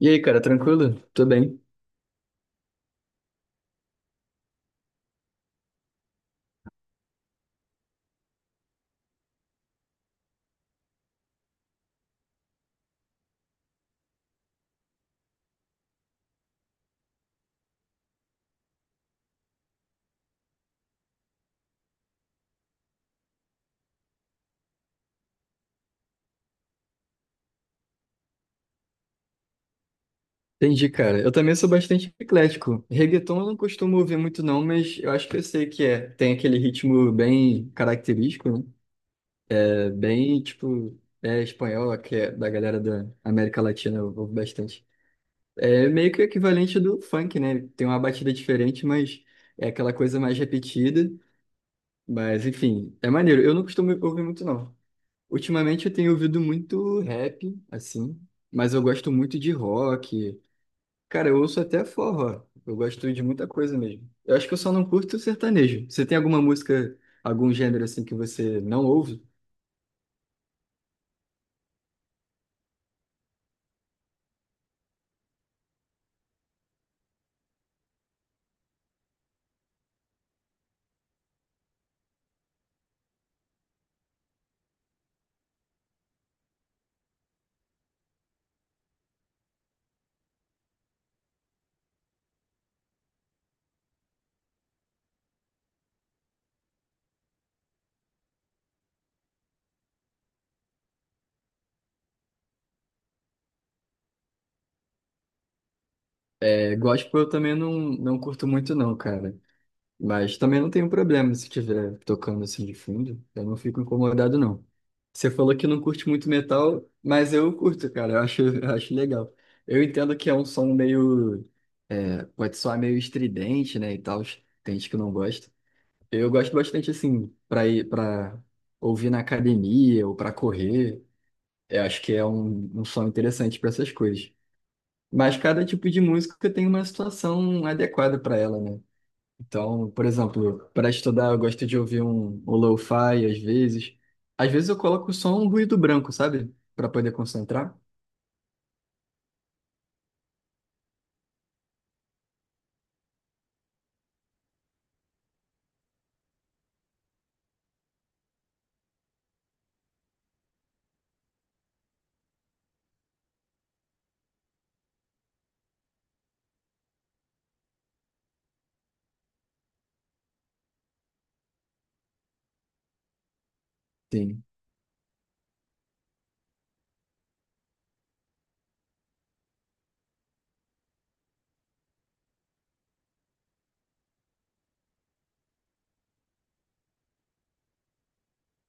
E aí, cara, tranquilo? Tô bem. Entendi, cara. Eu também sou bastante eclético. Reggaeton eu não costumo ouvir muito, não, mas eu acho que eu sei que é. Tem aquele ritmo bem característico, né? É bem, tipo, é espanhol, que é da galera da América Latina, eu ouvo bastante. É meio que o equivalente do funk, né? Tem uma batida diferente, mas é aquela coisa mais repetida. Mas, enfim, é maneiro. Eu não costumo ouvir muito, não. Ultimamente eu tenho ouvido muito rap, assim, mas eu gosto muito de rock. Cara, eu ouço até forró. Eu gosto de muita coisa mesmo. Eu acho que eu só não curto sertanejo. Você tem alguma música, algum gênero assim que você não ouve? É, gospel eu também não curto muito não, cara. Mas também não tenho problema se estiver tocando assim de fundo. Eu não fico incomodado não. Você falou que não curte muito metal, mas eu curto, cara. Eu acho, eu acho legal. Eu entendo que é um som meio... pode soar meio estridente, né, e tal. Tem gente que não gosta. Eu gosto bastante assim para ir para ouvir na academia ou para correr. Eu acho que é um som interessante para essas coisas. Mas cada tipo de música tem uma situação adequada para ela, né? Então, por exemplo, para estudar eu gosto de ouvir um lo-fi às vezes. Às vezes eu coloco só um ruído branco, sabe? Para poder concentrar. Sim,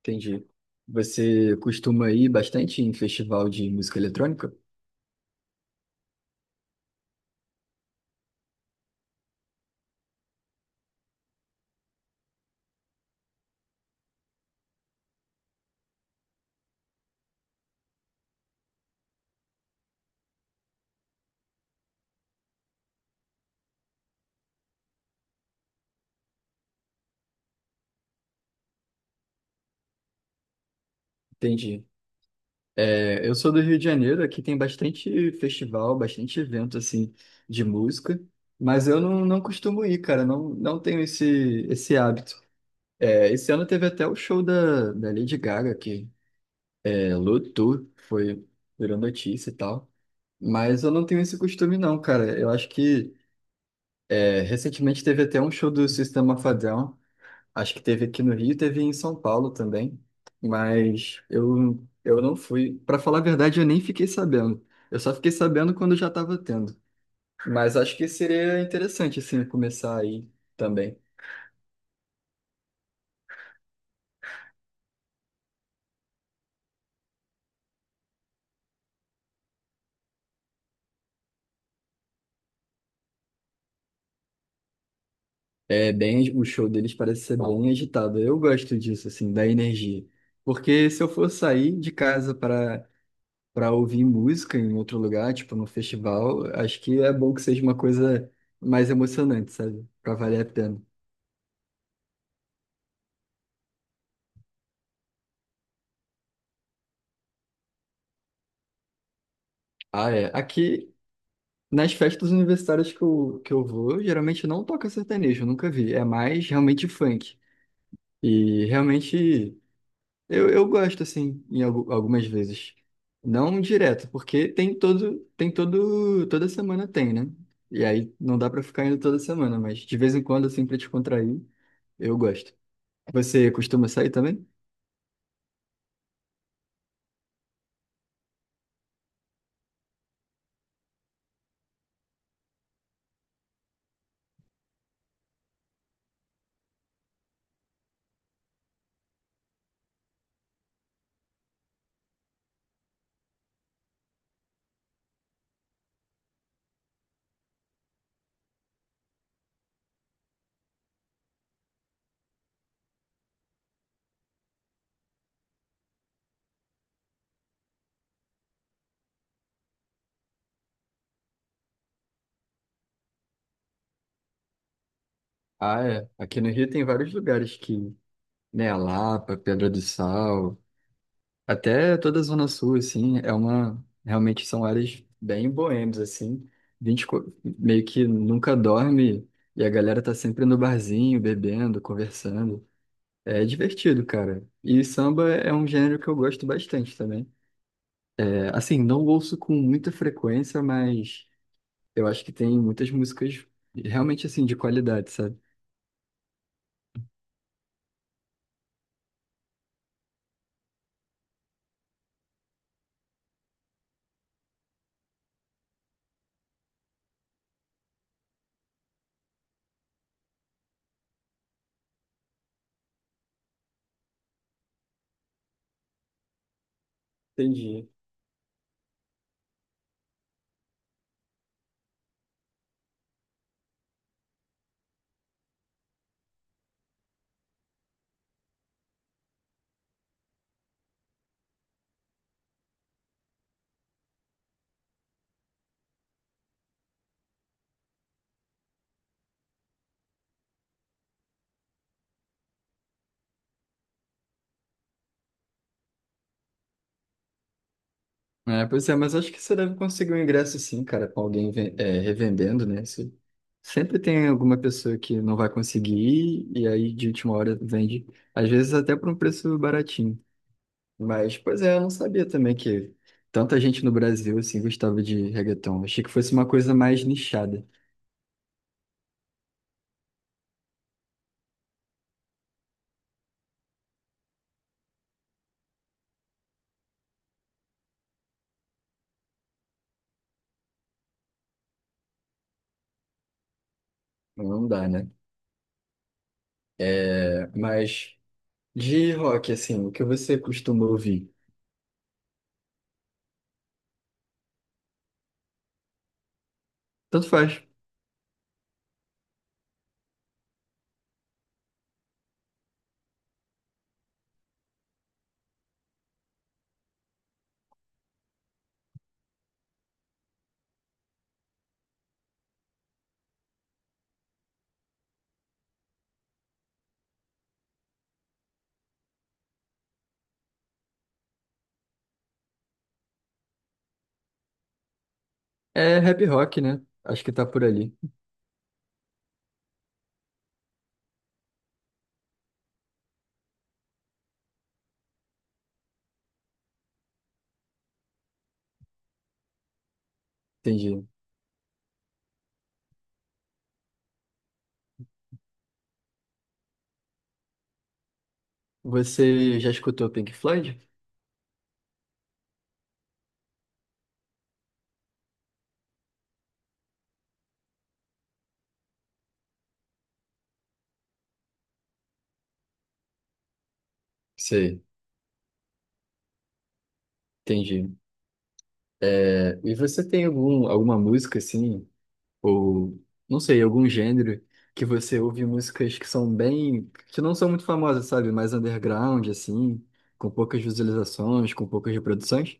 entendi. Você costuma ir bastante em festival de música eletrônica? Entendi. É, eu sou do Rio de Janeiro, aqui tem bastante festival, bastante evento assim de música, mas eu não costumo ir, cara, não, não tenho esse hábito. É, esse ano teve até o show da Lady Gaga aqui, é, lotou, foi virou notícia e tal, mas eu não tenho esse costume não, cara. Eu acho que é, recentemente teve até um show do System of a Down, acho que teve aqui no Rio, teve em São Paulo também, mas eu não fui. Para falar a verdade, eu nem fiquei sabendo. Eu só fiquei sabendo quando já estava tendo. Mas acho que seria interessante, assim, começar aí também. É bem, o show deles parece ser bem agitado. Eu gosto disso, assim, da energia. Porque se eu for sair de casa para ouvir música em outro lugar, tipo num festival, acho que é bom que seja uma coisa mais emocionante, sabe? Para valer a pena. Ah, é. Aqui, nas festas universitárias que eu vou, geralmente não toca sertanejo, eu nunca vi. É mais realmente funk. E realmente eu gosto, assim, em algumas vezes. Não direto, porque tem todo, toda semana tem, né? E aí não dá pra ficar indo toda semana, mas de vez em quando, assim, pra descontrair, eu gosto. Você costuma sair também? Ah, é. Aqui no Rio tem vários lugares que, né, a Lapa, Pedra do Sal. Até toda a Zona Sul, assim, é uma. Realmente são áreas bem boêmias, assim. A gente meio que nunca dorme e a galera tá sempre no barzinho, bebendo, conversando. É divertido, cara. E samba é um gênero que eu gosto bastante também. É, assim, não ouço com muita frequência, mas eu acho que tem muitas músicas realmente, assim, de qualidade, sabe? Entendi. É, pois é, mas acho que você deve conseguir um ingresso sim, cara, com alguém é, revendendo, né? Se- Sempre tem alguma pessoa que não vai conseguir e aí de última hora vende, às vezes até por um preço baratinho. Mas, pois é, eu não sabia também que tanta gente no Brasil assim gostava de reggaeton. Achei que fosse uma coisa mais nichada. Mas não dá, né? É, mas de rock, assim, o que você costuma ouvir? Tanto faz. É rap rock, né? Acho que tá por ali. Entendi. Você já escutou Pink Floyd? Sei, entendi. É, e você tem algum, alguma música assim, ou não sei, algum gênero que você ouve músicas que são bem, que não são muito famosas, sabe? Mais underground, assim, com poucas visualizações, com poucas reproduções?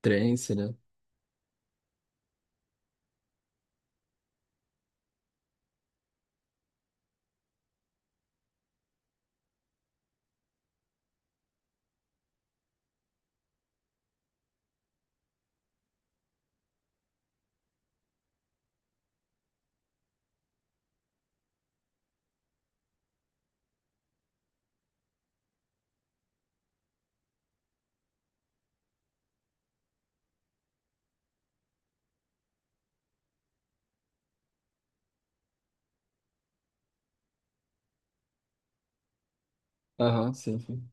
Trance, né? Aham, sim, sim.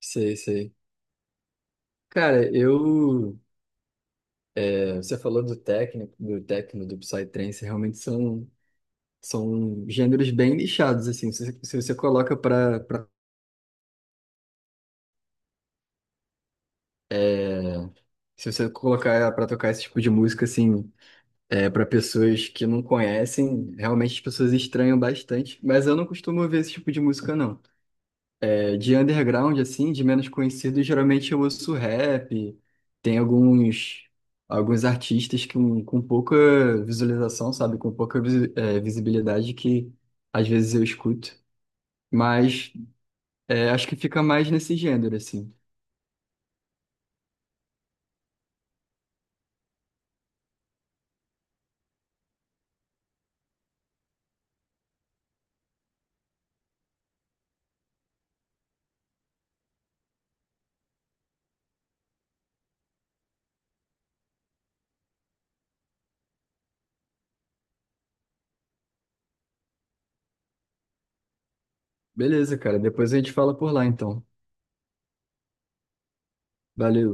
Sei. Cara, eu. Você falou do técnico, do techno, do psytrance, realmente são, são gêneros bem nichados, assim. Se você coloca pra é, se você colocar ela pra tocar esse tipo de música, assim, é, para pessoas que não conhecem, realmente as pessoas estranham bastante. Mas eu não costumo ouvir esse tipo de música, não. É, de underground, assim, de menos conhecido, geralmente eu ouço rap. Tem alguns artistas que, com pouca visualização, sabe? Com pouca é, visibilidade que às vezes eu escuto. Mas é, acho que fica mais nesse gênero, assim. Beleza, cara. Depois a gente fala por lá, então. Valeu.